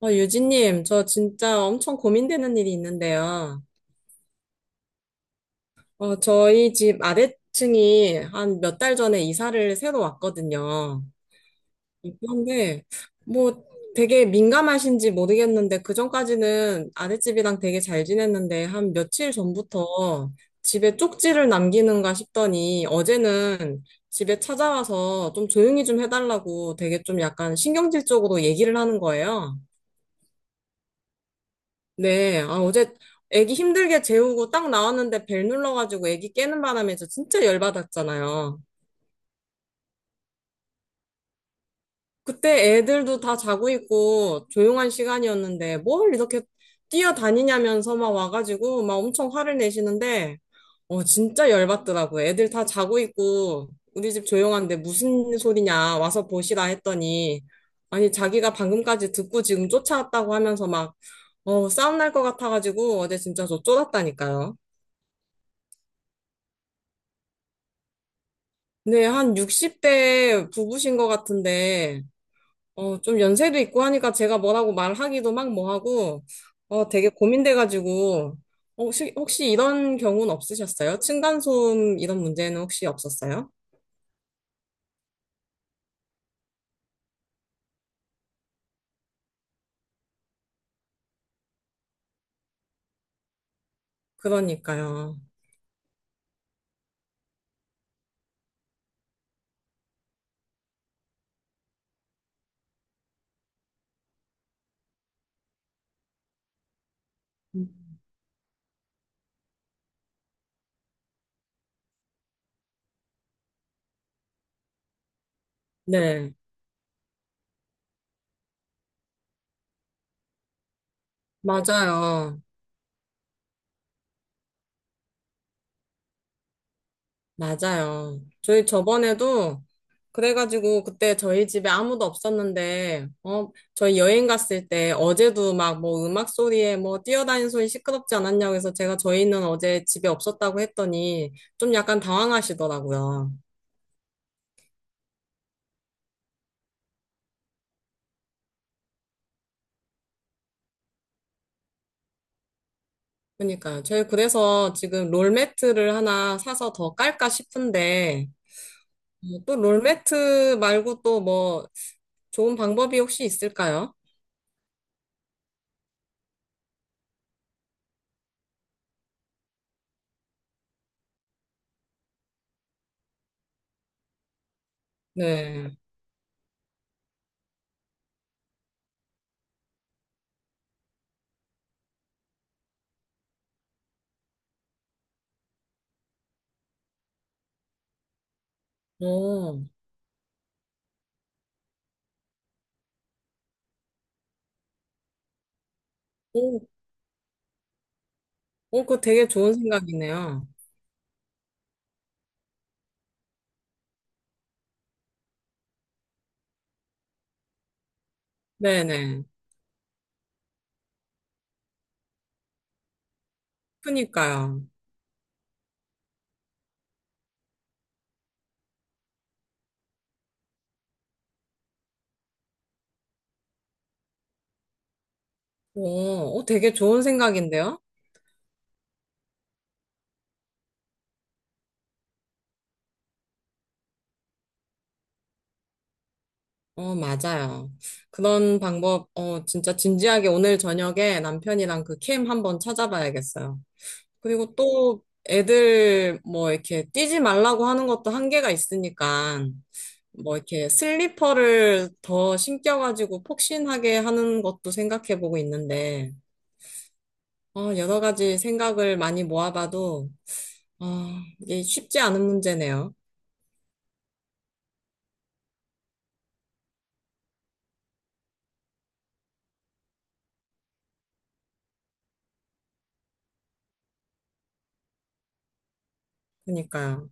유진님, 저 진짜 엄청 고민되는 일이 있는데요. 저희 집 아래층이 한 몇 달 전에 이사를 새로 왔거든요. 그런데 뭐 되게 민감하신지 모르겠는데 그전까지는 아랫집이랑 되게 잘 지냈는데 한 며칠 전부터 집에 쪽지를 남기는가 싶더니 어제는 집에 찾아와서 좀 조용히 좀 해달라고 되게 좀 약간 신경질적으로 얘기를 하는 거예요. 네, 아, 어제 애기 힘들게 재우고 딱 나왔는데 벨 눌러가지고 애기 깨는 바람에 저 진짜 열받았잖아요. 그때 애들도 다 자고 있고 조용한 시간이었는데 뭘 이렇게 뛰어다니냐면서 막 와가지고 막 엄청 화를 내시는데, 진짜 열받더라고요. 애들 다 자고 있고 우리 집 조용한데 무슨 소리냐 와서 보시라 했더니, 아니, 자기가 방금까지 듣고 지금 쫓아왔다고 하면서 막, 싸움 날 것 같아가지고 어제 진짜 저 쫄았다니까요. 네, 한 60대 부부신 것 같은데, 좀 연세도 있고 하니까 제가 뭐라고 말하기도 막 뭐하고, 되게 고민돼가지고, 혹시 이런 경우는 없으셨어요? 층간소음 이런 문제는 혹시 없었어요? 그러니까요. 음. 네, 맞아요. 맞아요. 저희 저번에도 그래가지고 그때 저희 집에 아무도 없었는데, 저희 여행 갔을 때 어제도 막 뭐 음악 소리에 뭐 뛰어다니는 소리 시끄럽지 않았냐고 해서 제가 저희는 어제 집에 없었다고 했더니 좀 약간 당황하시더라고요. 그러니까요. 저희 그래서 지금 롤매트를 하나 사서 더 깔까 싶은데, 또 롤매트 말고 또 뭐 좋은 방법이 혹시 있을까요? 네. 어. 오, 그거 되게 좋은 생각이네요. 네네. 그니까요. 오, 되게 좋은 생각인데요? 맞아요. 그런 방법, 진짜 진지하게 오늘 저녁에 남편이랑 그 캠 한번 찾아봐야겠어요. 그리고 또 애들 뭐 이렇게 뛰지 말라고 하는 것도 한계가 있으니까 뭐 이렇게 슬리퍼를 더 신겨가지고 폭신하게 하는 것도 생각해보고 있는데, 여러 가지 생각을 많이 모아봐도 아, 이게 쉽지 않은 문제네요. 그러니까요.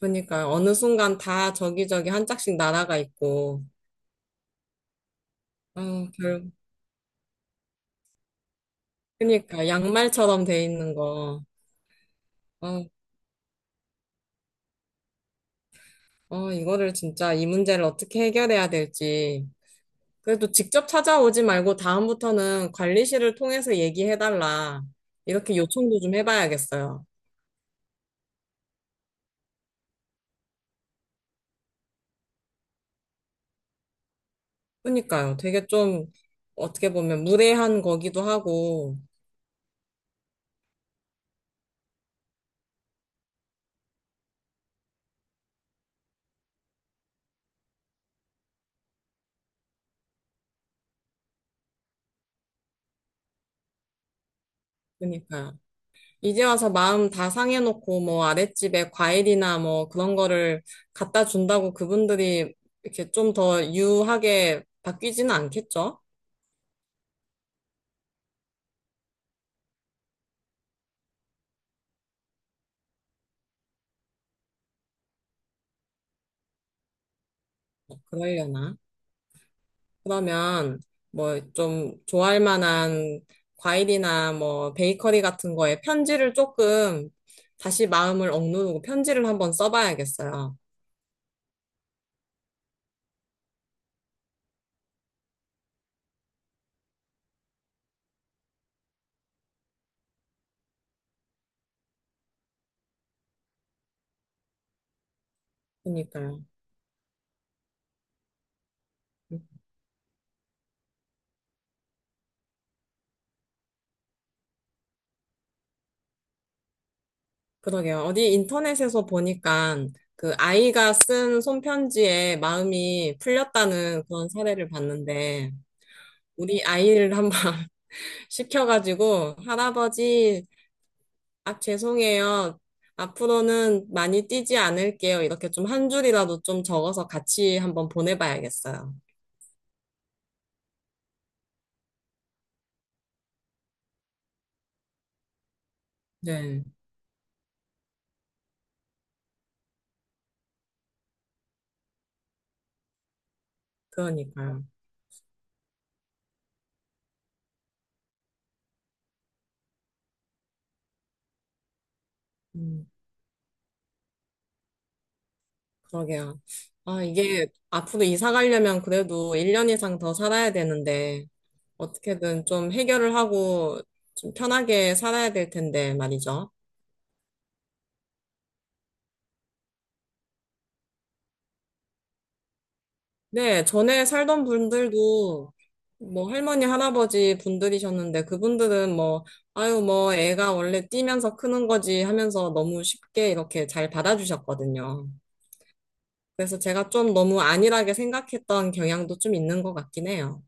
그러니까 어느 순간 다 저기저기 한 짝씩 날아가 있고, 어, 결, 그러니까 양말처럼 돼 있는 거. 어, 이거를 진짜 이 문제를 어떻게 해결해야 될지. 그래도 직접 찾아오지 말고 다음부터는 관리실을 통해서 얘기해달라. 이렇게 요청도 좀 해봐야겠어요. 그러니까요. 되게 좀 어떻게 보면 무례한 거기도 하고, 그러니까요. 이제 와서 마음 다 상해놓고 뭐 아랫집에 과일이나 뭐 그런 거를 갖다 준다고 그분들이 이렇게 좀 더 유하게 바뀌지는 않겠죠? 그러려나? 그러면 뭐 좀 좋아할 만한 과일이나 뭐 베이커리 같은 거에 편지를 조금 다시 마음을 억누르고 편지를 한번 써봐야겠어요. 그러니까요. 그러게요. 어디 인터넷에서 보니까 그 아이가 쓴 손편지에 마음이 풀렸다는 그런 사례를 봤는데, 우리 아이를 한번 시켜가지고, 할아버지, 아, 죄송해요. 앞으로는 많이 뛰지 않을게요. 이렇게 좀 한 줄이라도 좀 적어서 같이 한번 보내봐야겠어요. 네, 그러니까요. 음, 그러게요. 아, 이게 앞으로 이사 가려면 그래도 1년 이상 더 살아야 되는데, 어떻게든 좀 해결을 하고 좀 편하게 살아야 될 텐데 말이죠. 네, 전에 살던 분들도 뭐 할머니, 할아버지 분들이셨는데 그분들은 뭐, 아유, 뭐 애가 원래 뛰면서 크는 거지 하면서 너무 쉽게 이렇게 잘 받아주셨거든요. 그래서 제가 좀 너무 안일하게 생각했던 경향도 좀 있는 것 같긴 해요.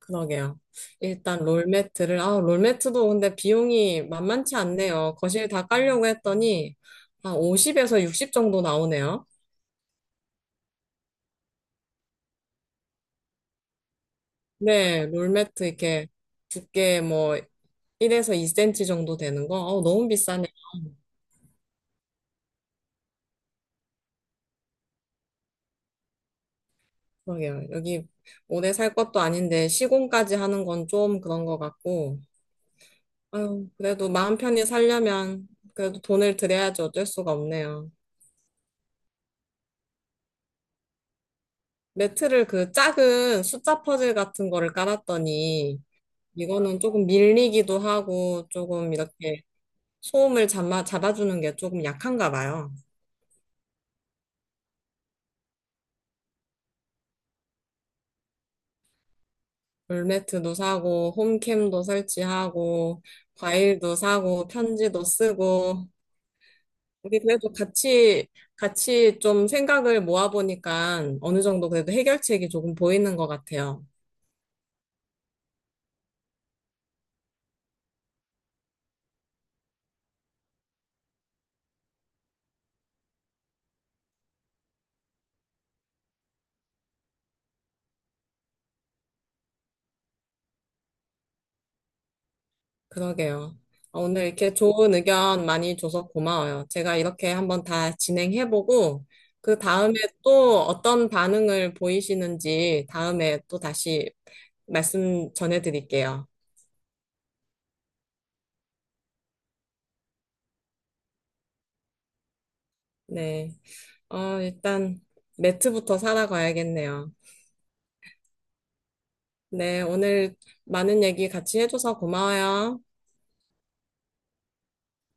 그러게요. 일단 롤매트를, 아, 롤매트도 근데 비용이 만만치 않네요. 거실 다 깔려고 했더니, 한 50에서 60 정도 나오네요. 네, 롤매트 이렇게 두께 뭐 1에서 2cm 정도 되는 거, 너무 비싸네. 그러게요. 여기 오래 살 것도 아닌데 시공까지 하는 건 좀 그런 것 같고, 아유, 그래도 마음 편히 살려면 그래도 돈을 들여야지 어쩔 수가 없네요. 매트를 그 작은 숫자 퍼즐 같은 거를 깔았더니 이거는 조금 밀리기도 하고 조금 이렇게 소음을 잡아주는 게 조금 약한가 봐요. 물매트도 사고 홈캠도 설치하고 과일도 사고 편지도 쓰고 우리 그래도 같이 좀 생각을 모아보니까 어느 정도 그래도 해결책이 조금 보이는 것 같아요. 그러게요. 오늘 이렇게 좋은 의견 많이 줘서 고마워요. 제가 이렇게 한번 다 진행해보고, 그 다음에 또 어떤 반응을 보이시는지 다음에 또 다시 말씀 전해드릴게요. 네. 일단 매트부터 사러 가야겠네요. 네. 오늘 많은 얘기 같이 해줘서 고마워요.